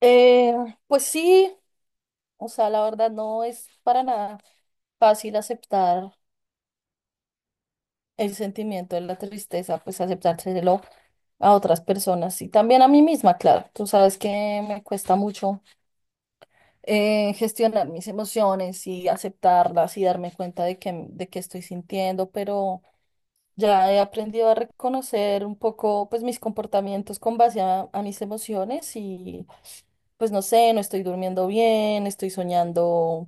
Eh, pues sí, o sea, la verdad no es para nada fácil aceptar el sentimiento de la tristeza, pues aceptárselo a otras personas y también a mí misma, claro. Tú sabes que me cuesta mucho gestionar mis emociones y aceptarlas y darme cuenta de que estoy sintiendo, pero ya he aprendido a reconocer un poco, pues, mis comportamientos con base a mis emociones y pues no sé, no estoy durmiendo bien, estoy soñando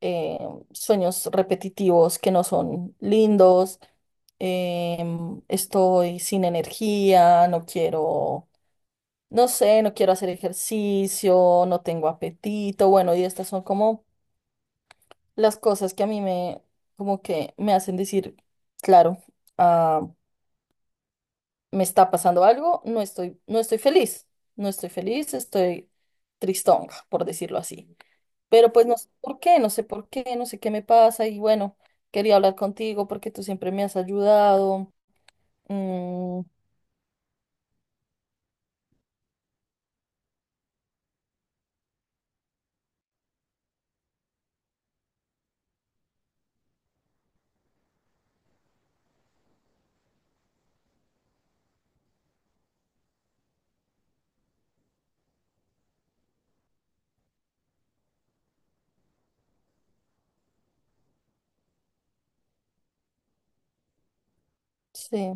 eh, sueños repetitivos que no son lindos. Estoy sin energía, no quiero, no sé, no quiero hacer ejercicio, no tengo apetito. Bueno, y estas son como las cosas que a como que me hacen decir, claro, ah, me está pasando algo, no estoy feliz, no estoy feliz, estoy tristonga, por decirlo así. Pero pues no sé por qué, no sé por qué, no sé qué me pasa y bueno, quería hablar contigo porque tú siempre me has ayudado. Mm, sí,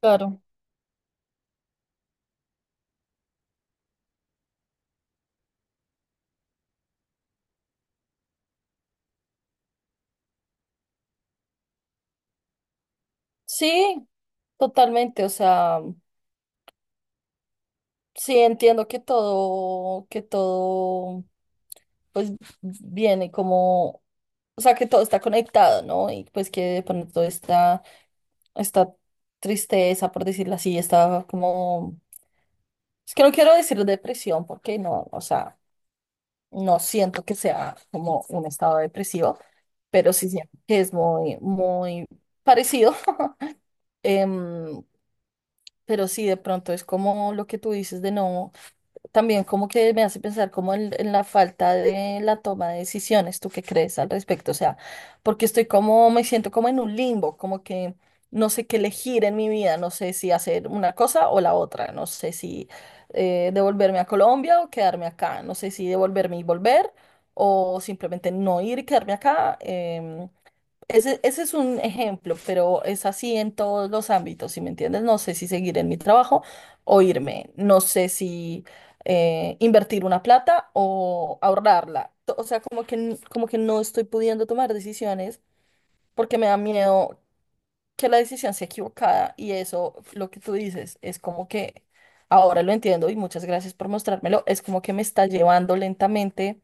claro. Sí, totalmente, o sea. Sí, entiendo que todo pues viene como, o sea, que todo está conectado, ¿no? Y pues que de pronto está esta tristeza, por decirlo así, está como, es que no quiero decir depresión, porque no, o sea, no siento que sea como un estado depresivo, pero sí siento que es muy, muy parecido. Em, pero sí, de pronto es como lo que tú dices de no. También como que me hace pensar como en la falta de la toma de decisiones. ¿Tú qué crees al respecto? O sea, porque estoy como, me siento como en un limbo, como que no sé qué elegir en mi vida, no sé si hacer una cosa o la otra, no sé si devolverme a Colombia o quedarme acá, no sé si devolverme y volver o simplemente no ir y quedarme acá. Ese es un ejemplo, pero es así en todos los ámbitos, ¿si me entiendes? No sé si seguir en mi trabajo o irme, no sé si invertir una plata o ahorrarla. O sea, como que, como que no estoy pudiendo tomar decisiones porque me da miedo que la decisión sea equivocada. Y eso, lo que tú dices, es como que ahora lo entiendo y muchas gracias por mostrármelo, es como que me está llevando lentamente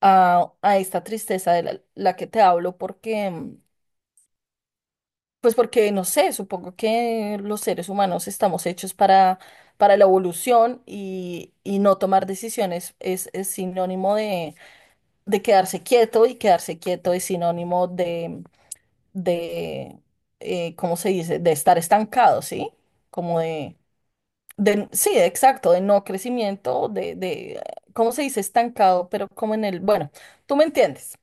a esta tristeza de la que te hablo porque... mm, pues porque no sé, supongo que los seres humanos estamos hechos para la evolución y no tomar decisiones es sinónimo de quedarse quieto, y quedarse quieto es sinónimo de ¿cómo se dice? De estar estancado, ¿sí? Como de, sí, exacto, de no crecimiento, de, ¿cómo se dice? Estancado, pero como en el, bueno, tú me entiendes.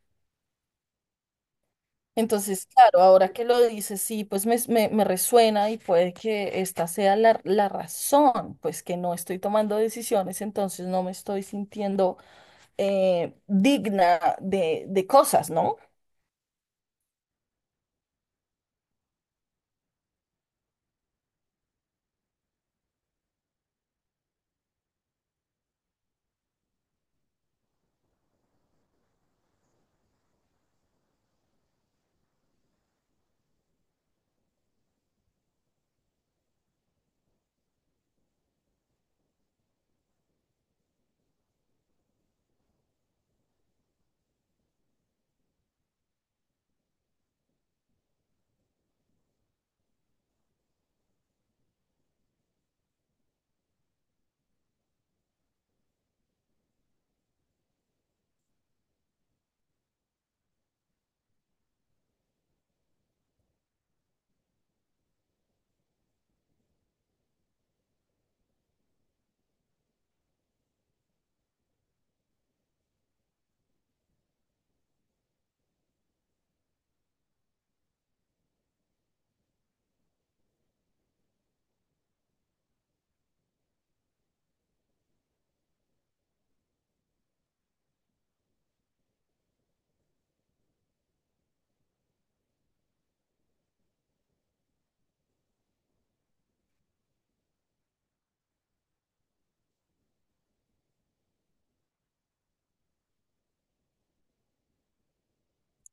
Entonces, claro, ahora que lo dices, sí, pues me resuena y puede que esta sea la, la razón, pues que no estoy tomando decisiones, entonces no me estoy sintiendo digna de cosas, ¿no?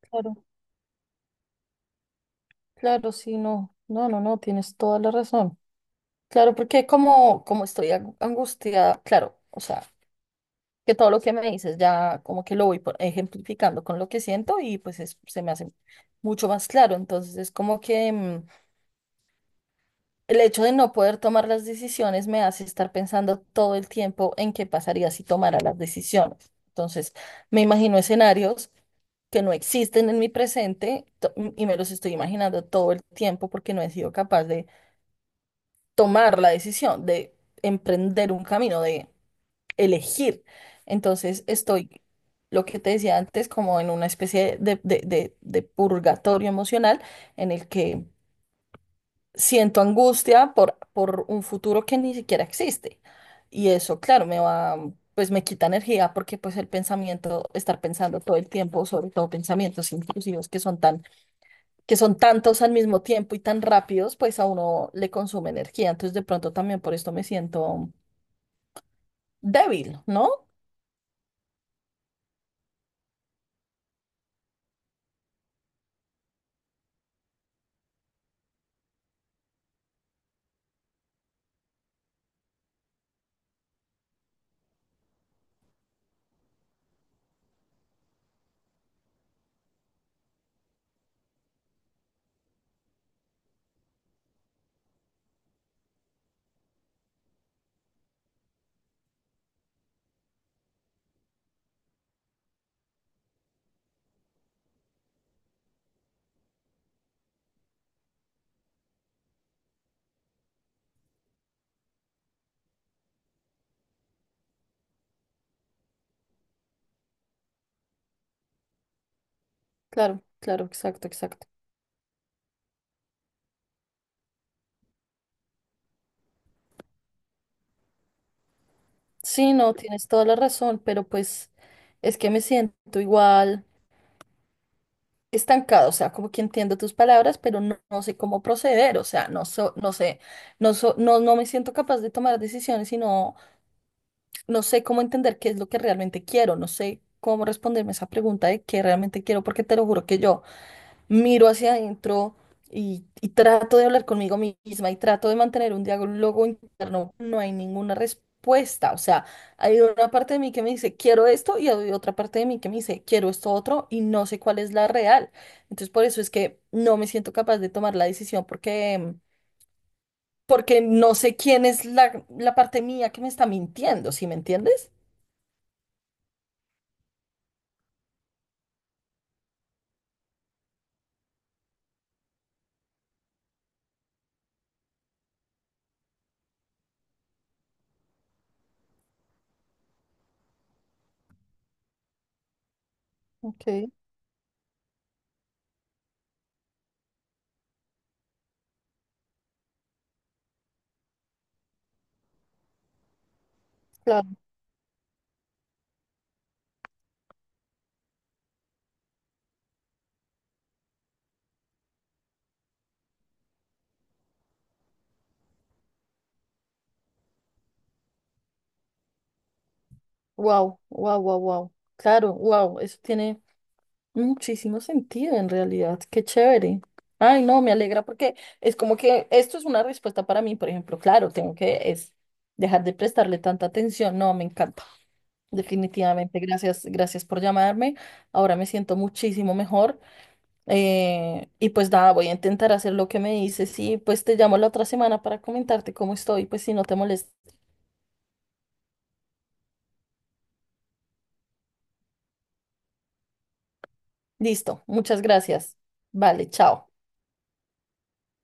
Claro, claro, sí, no, no, no, no, tienes toda la razón. Claro, porque como, como estoy angustiada, claro, o sea, que todo lo que me dices ya como que lo voy ejemplificando con lo que siento y pues se me hace mucho más claro, entonces es como que... mm, el hecho de no poder tomar las decisiones me hace estar pensando todo el tiempo en qué pasaría si tomara las decisiones. Entonces, me imagino escenarios que no existen en mi presente y me los estoy imaginando todo el tiempo porque no he sido capaz de tomar la decisión, de emprender un camino, de elegir. Entonces, estoy, lo que te decía antes, como en una especie de, de purgatorio emocional en el que siento angustia por un futuro que ni siquiera existe. Y eso, claro, me va, pues me quita energía porque pues el pensamiento, estar pensando todo el tiempo, sobre todo pensamientos intrusivos que son tan, que son tantos al mismo tiempo y tan rápidos, pues a uno le consume energía. Entonces de pronto también por esto me siento débil, ¿no? Claro, claro, exacto, exacto. Sí, no, tienes toda la razón, pero pues es que me siento igual. Estancado, o sea, como que entiendo tus palabras, pero no, no sé cómo proceder, o sea, no, no sé, no, no me siento capaz de tomar decisiones y no, no sé cómo entender qué es lo que realmente quiero, no sé cómo responderme esa pregunta de qué realmente quiero, porque te lo juro que yo miro hacia adentro y trato de hablar conmigo misma y trato de mantener un diálogo interno, no hay ninguna respuesta. O sea, hay una parte de mí que me dice, quiero esto, y hay otra parte de mí que me dice, quiero esto otro, y no sé cuál es la real. Entonces, por eso es que no me siento capaz de tomar la decisión porque, porque no sé quién es la parte mía que me está mintiendo, ¿sí me entiendes? Ok, claro. Wow, wow, wow, wow. Claro, wow, eso tiene... muchísimo sentido en realidad, qué chévere. Ay, no, me alegra porque es como que esto es una respuesta para mí, por ejemplo, claro, tengo que es dejar de prestarle tanta atención. No, me encanta. Definitivamente, gracias, gracias por llamarme. Ahora me siento muchísimo mejor. Y pues nada, voy a intentar hacer lo que me dices y pues te llamo la otra semana para comentarte cómo estoy, pues si no te molesta. Listo, muchas gracias. Vale, chao.